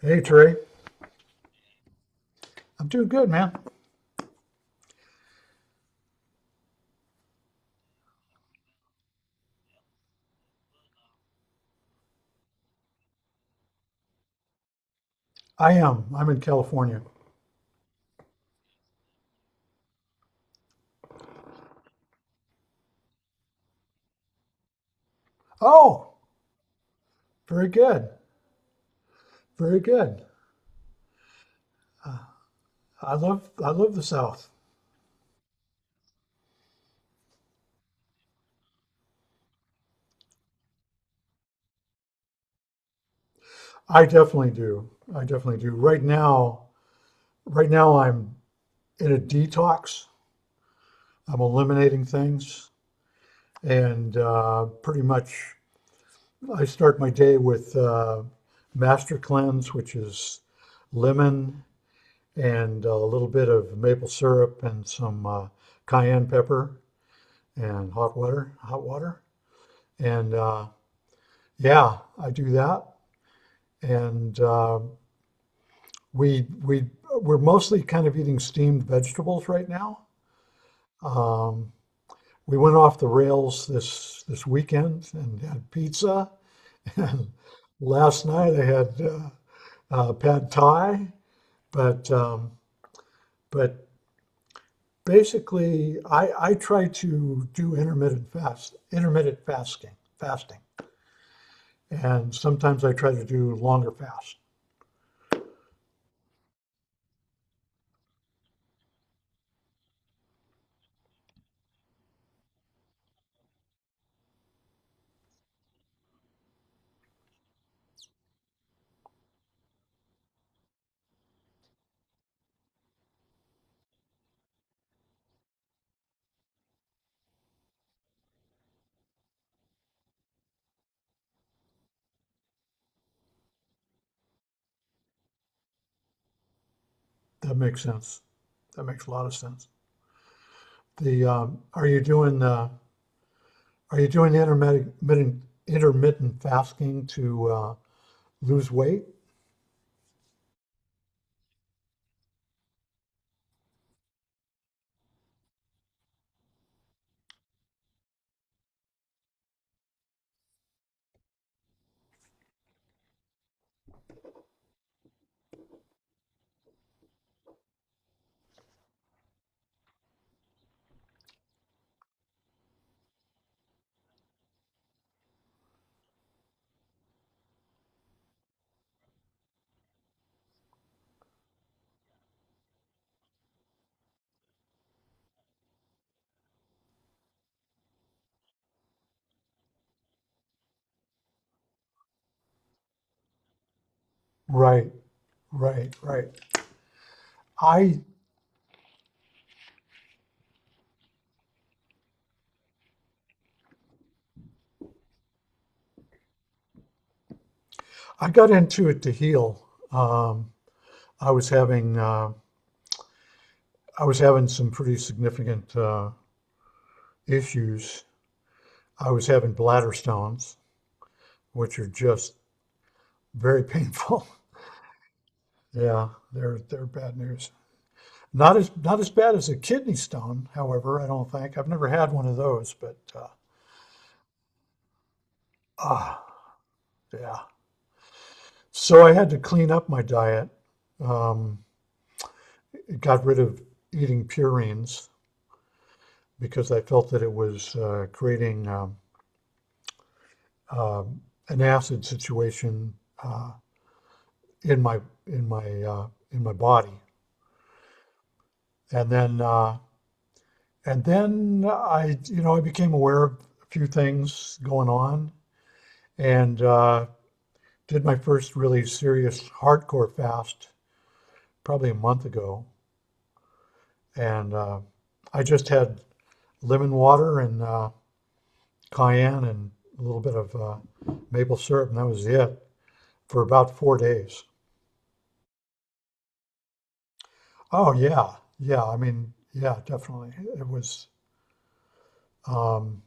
Hey, Trey. I'm doing good, man. I am. I'm in California. Oh, very good. Very good. I love the South. I definitely do. I definitely do. Right now, I'm in a detox. I'm eliminating things and pretty much I start my day with Master Cleanse, which is lemon and a little bit of maple syrup and some cayenne pepper and hot water. And yeah, I do that. And we we're mostly kind of eating steamed vegetables right now. Um, we went off the rails this weekend and had pizza. And last night I had pad thai. But but basically, I try to do intermittent fasting, and sometimes I try to do longer fasts. That makes sense. That makes a lot of sense. The, um, are you doing, uh, are you doing intermittent fasting to, lose weight? Right, right, right. I, I got into it to heal. Um, I was having, uh, I was having some pretty significant, issues. I was having bladder stones, which are just very painful. Yeah, they're bad news. Not as bad as a kidney stone, however. I don't think I've never had one of those, but ah, yeah. So I had to clean up my diet. Um, it got rid of eating purines because I felt that it was creating um an acid situation uh, in my in my body. And then uh, and then I, you know, I became aware of a few things going on, and did my first really serious hardcore fast probably a month ago, and I just had lemon water and cayenne and a little bit of maple syrup, and that was it for about 4 days. Oh yeah, yeah. I mean, yeah, definitely. It was um,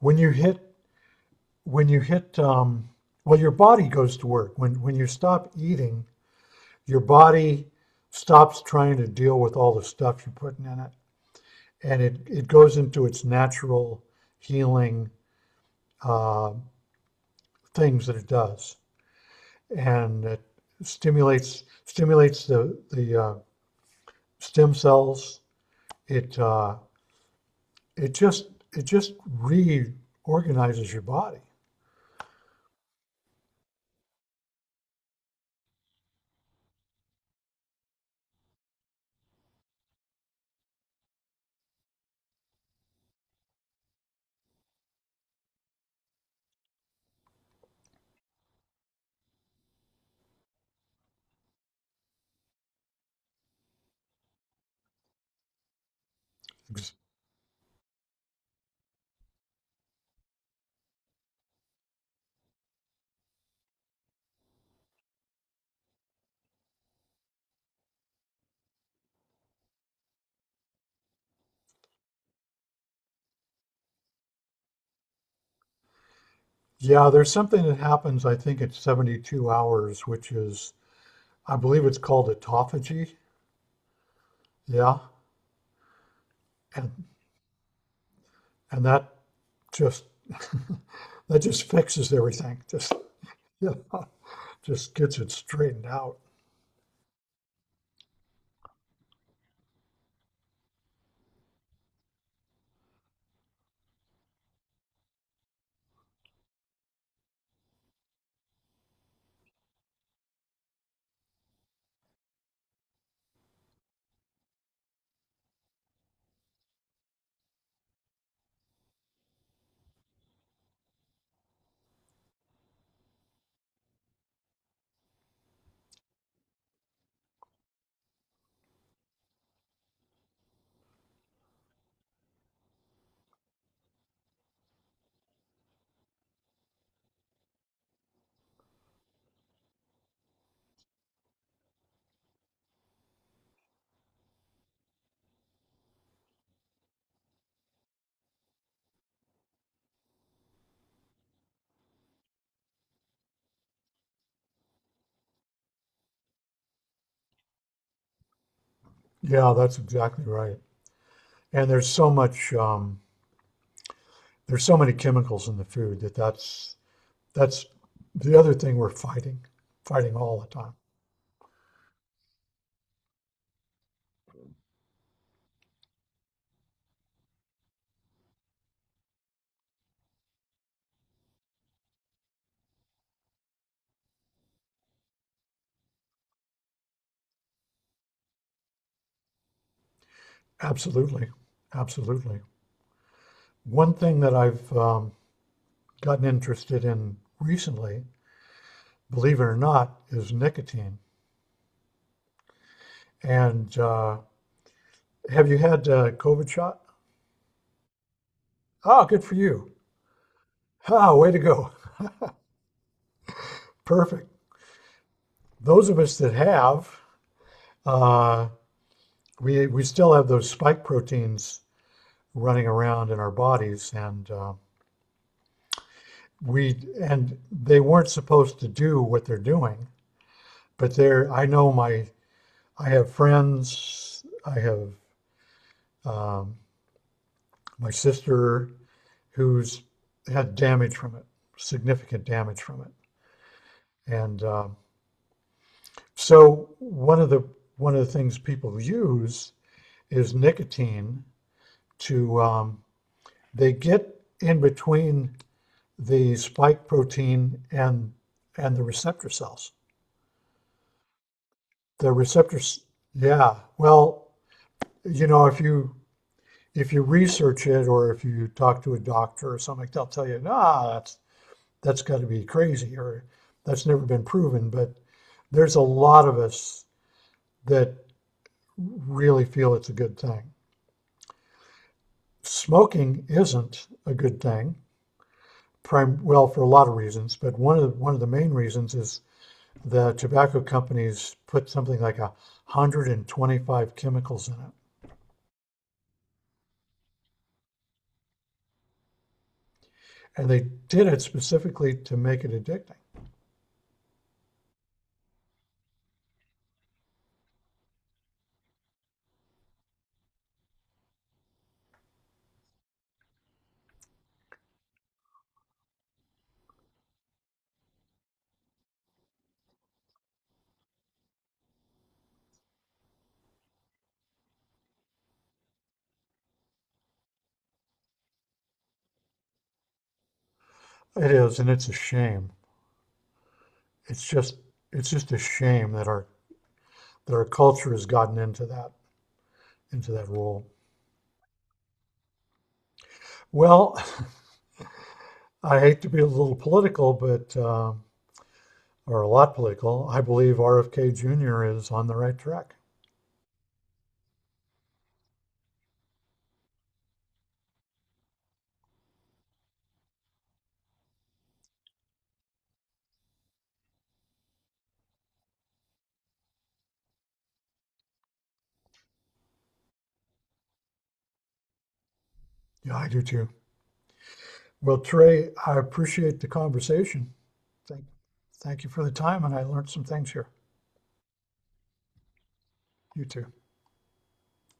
when you hit when you hit, your body goes to work when you stop eating. Your body stops trying to deal with all the stuff you're putting in it, and it goes into its natural healing uh, things that it does, and it stimulates the stem cells. It it just it just reorganizes your body. Yeah, there's something that happens. I think at 72 hours, which is I believe it's called autophagy. Yeah, and that just that just fixes everything. Just yeah, just gets it straightened out. Yeah, that's exactly right. And there's so much, there's so many chemicals in the food that that's the other thing we're fighting all the time. Absolutely, absolutely. One thing that I've gotten interested in recently, believe it or not, is nicotine. And have you had a COVID shot? Ah, good for you. Ah, way to go. Perfect. Those of us that have, uh, we still have those spike proteins running around in our bodies, and we and they weren't supposed to do what they're doing, but they're. I know my, I have friends. I have um, my sister who's had damage from it, significant damage from it, and so one of the things people use is nicotine to they get in between the spike protein and the receptor cells. The receptors, yeah. Well, you know, if you research it or if you talk to a doctor or something, they'll tell you, nah, that's got to be crazy or that's never been proven. But there's a lot of us that really feel it's a good thing. Smoking isn't a good thing. Well, for a lot of reasons, but one of the main reasons is the tobacco companies put something like a 125 chemicals in it. And they did it specifically to make it addicting. It is, and it's a shame. It's just it's just a shame that our culture has gotten into that role. Well, I hate to be a little political, but or a lot political. I believe RFK Jr. is on the right track. Yeah, I do too. Well, Trey, I appreciate the conversation. Thank, thank you for the time, and I learned some things here. You too.